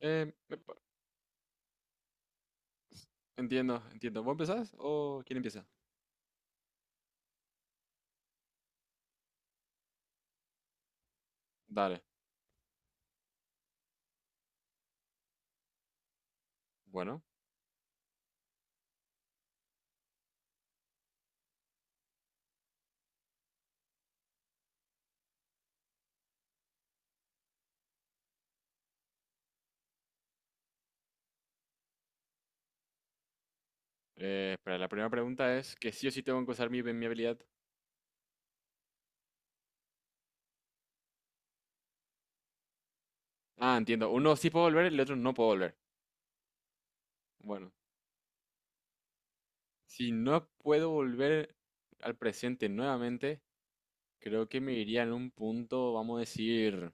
Eh, me pa- entiendo, entiendo. ¿Vos empezás o quién empieza? Dale. Bueno, para la primera pregunta es que sí o sí tengo que usar mi habilidad. Ah, entiendo. Uno sí puedo volver, el otro no puedo volver. Bueno, si no puedo volver al presente nuevamente, creo que me iría en un punto, vamos a decir,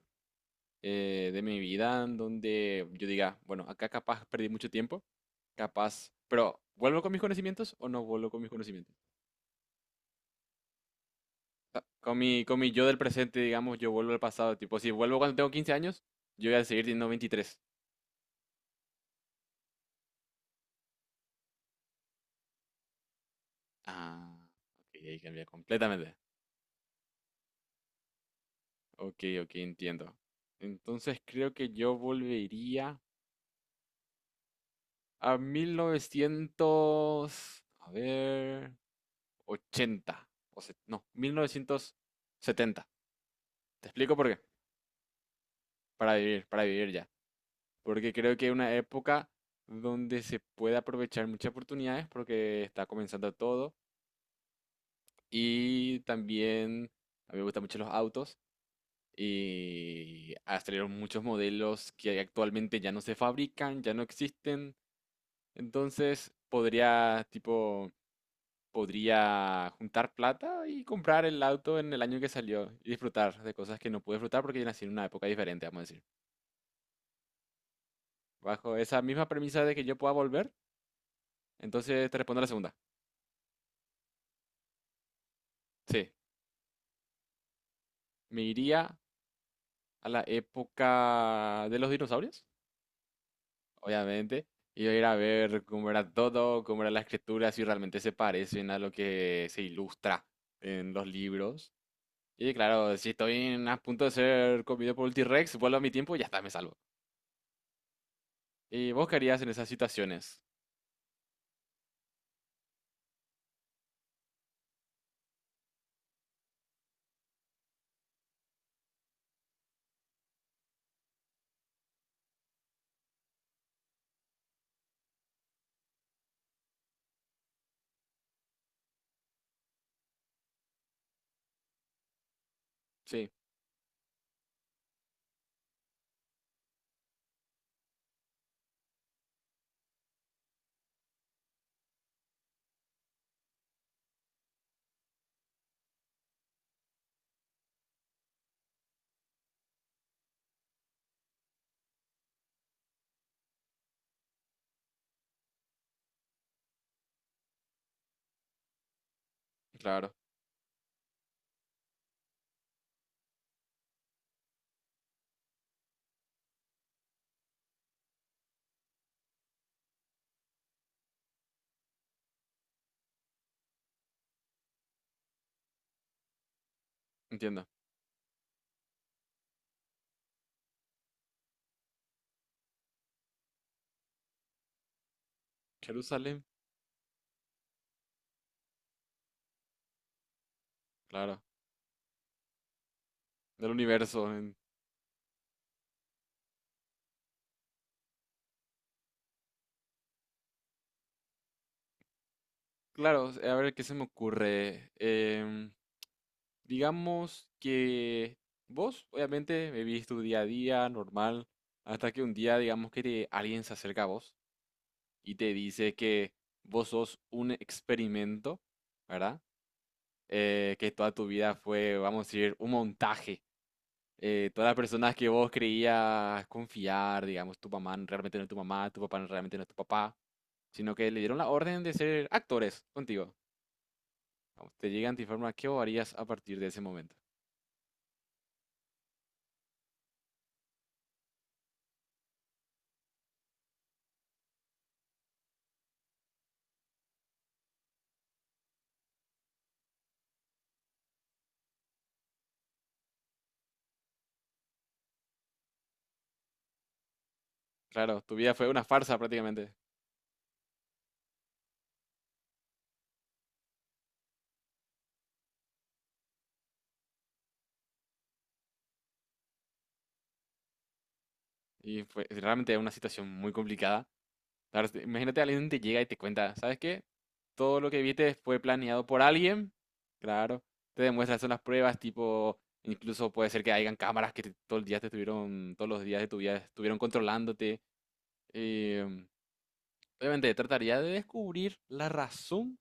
de mi vida en donde yo diga, bueno, acá capaz perdí mucho tiempo, capaz, pero ¿vuelvo con mis conocimientos o no vuelvo con mis conocimientos? Con mi yo del presente, digamos, yo vuelvo al pasado. Tipo, si vuelvo cuando tengo 15 años, yo voy a seguir teniendo 23. Ah, ok, ahí cambia completamente. Ok, ok, entiendo. Entonces creo que yo volvería a mil novecientos, a ver, 80 no, 1970. Te explico por qué. Para vivir ya. Porque creo que es una época donde se puede aprovechar muchas oportunidades porque está comenzando todo. Y también a mí me gustan mucho los autos y salieron muchos modelos que actualmente ya no se fabrican, ya no existen. Entonces podría, tipo, podría juntar plata y comprar el auto en el año que salió y disfrutar de cosas que no pude disfrutar porque yo nací en una época diferente, vamos a decir. Bajo esa misma premisa de que yo pueda volver, entonces te respondo a la segunda. Sí, me iría a la época de los dinosaurios. Obviamente, y ir a ver cómo era todo, cómo era la escritura, si realmente se parecen a lo que se ilustra en los libros. Y claro, si estoy en- a punto de ser comido por un T-Rex, vuelvo a mi tiempo y ya está, me salvo. ¿Y vos qué harías en esas situaciones? Sí, claro, entiendo. Jerusalén, claro, del universo. Claro, a ver qué se me ocurre. Digamos que vos, obviamente, vivís tu día a día normal, hasta que un día, digamos que alguien se acerca a vos y te dice que vos sos un experimento, ¿verdad? Que toda tu vida fue, vamos a decir, un montaje. Todas las personas que vos creías confiar, digamos, tu mamá realmente no es tu mamá, tu papá realmente no es tu papá, sino que le dieron la orden de ser actores contigo. Vamos, te llegan, te informan qué vos harías a partir de ese momento. Claro, tu vida fue una farsa prácticamente. Y fue realmente, es una situación muy complicada. La verdad, imagínate, alguien te llega y te cuenta, ¿sabes qué? Todo lo que viste fue planeado por alguien, claro. Te demuestran, son las pruebas, tipo, incluso puede ser que hayan cámaras que te- todo el día te estuvieron, todos los días de tu vida estuvieron controlándote. em, Obviamente, trataría de descubrir la razón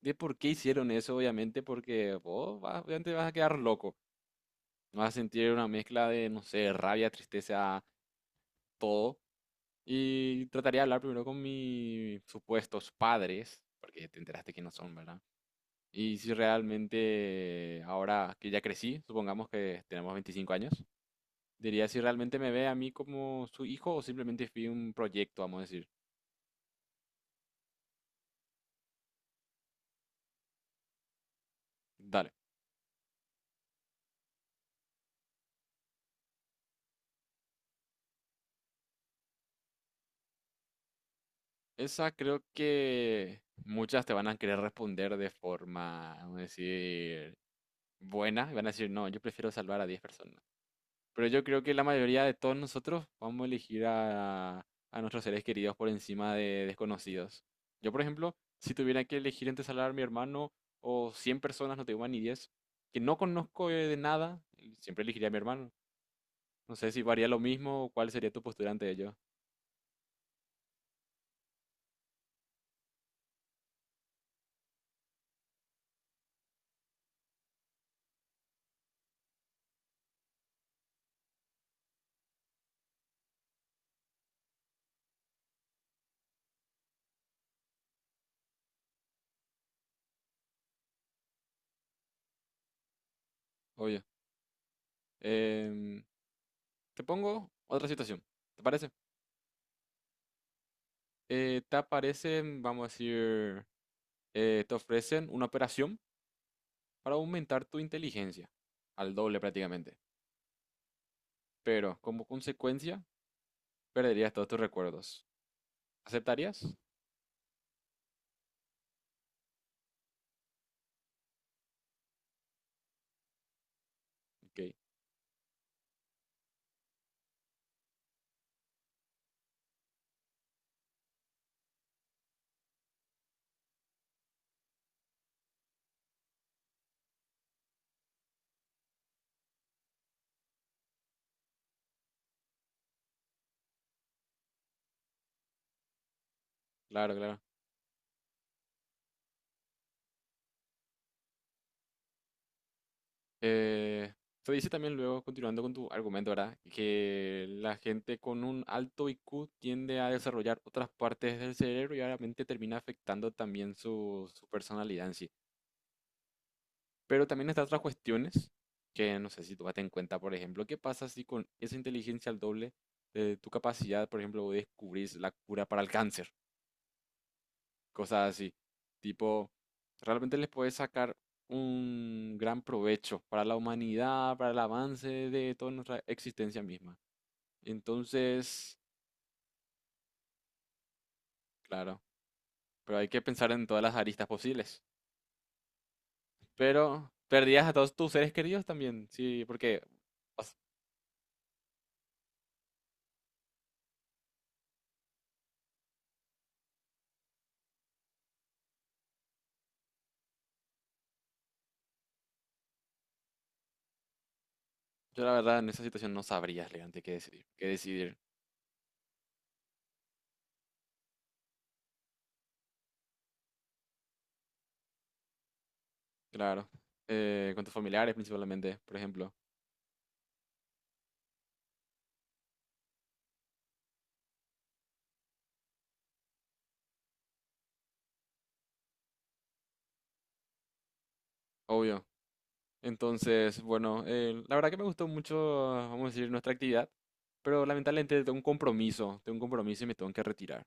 de por qué hicieron eso, obviamente, porque vos vas- obviamente vas a quedar loco. No vas a sentir una mezcla de, no sé, rabia, tristeza, todo. Y trataría de hablar primero con mis supuestos padres, porque te enteraste quiénes son, ¿verdad? Y si realmente, ahora que ya crecí, supongamos que tenemos 25 años, diría si realmente me ve a mí como su hijo o simplemente fui un proyecto, vamos a decir. Dale. Esa creo que muchas te van a querer responder de forma, vamos a decir, buena. Y van a decir, no, yo prefiero salvar a 10 personas. Pero yo creo que la mayoría de todos nosotros vamos a elegir a nuestros seres queridos por encima de desconocidos. Yo, por ejemplo, si tuviera que elegir entre salvar a mi hermano o 100 personas, no tengo ni 10 que no conozco de nada, siempre elegiría a mi hermano. No sé si varía lo mismo o cuál sería tu postura ante ello. Obvio. Em, Te pongo otra situación. ¿Te parece? Te aparecen, vamos a decir, te ofrecen una operación para aumentar tu inteligencia. Al doble prácticamente. Pero como consecuencia perderías todos tus recuerdos. ¿Aceptarías? Ok, claro, claro. Eh, Se dice también luego, continuando con tu argumento, ¿verdad? Que la gente con un alto IQ tiende a desarrollar otras partes del cerebro y obviamente termina afectando también su personalidad en sí. Pero también están otras cuestiones que no sé si tú en cuenta, por ejemplo, qué pasa si con esa inteligencia al doble de tu capacidad, por ejemplo, descubrís la cura para el cáncer. Cosas así. Tipo, realmente les puede sacar un gran provecho para la humanidad, para el avance de toda nuestra existencia misma. Entonces, claro, pero hay que pensar en todas las aristas posibles. Pero perdías a todos tus seres queridos también, sí, porque as- yo la verdad en esa situación no sabría realmente qué decidir. Qué decidir, claro. Con tus familiares principalmente, por ejemplo. Obvio. Entonces, bueno, la verdad que me gustó mucho, vamos a decir, nuestra actividad, pero lamentablemente tengo un compromiso y me tengo que retirar.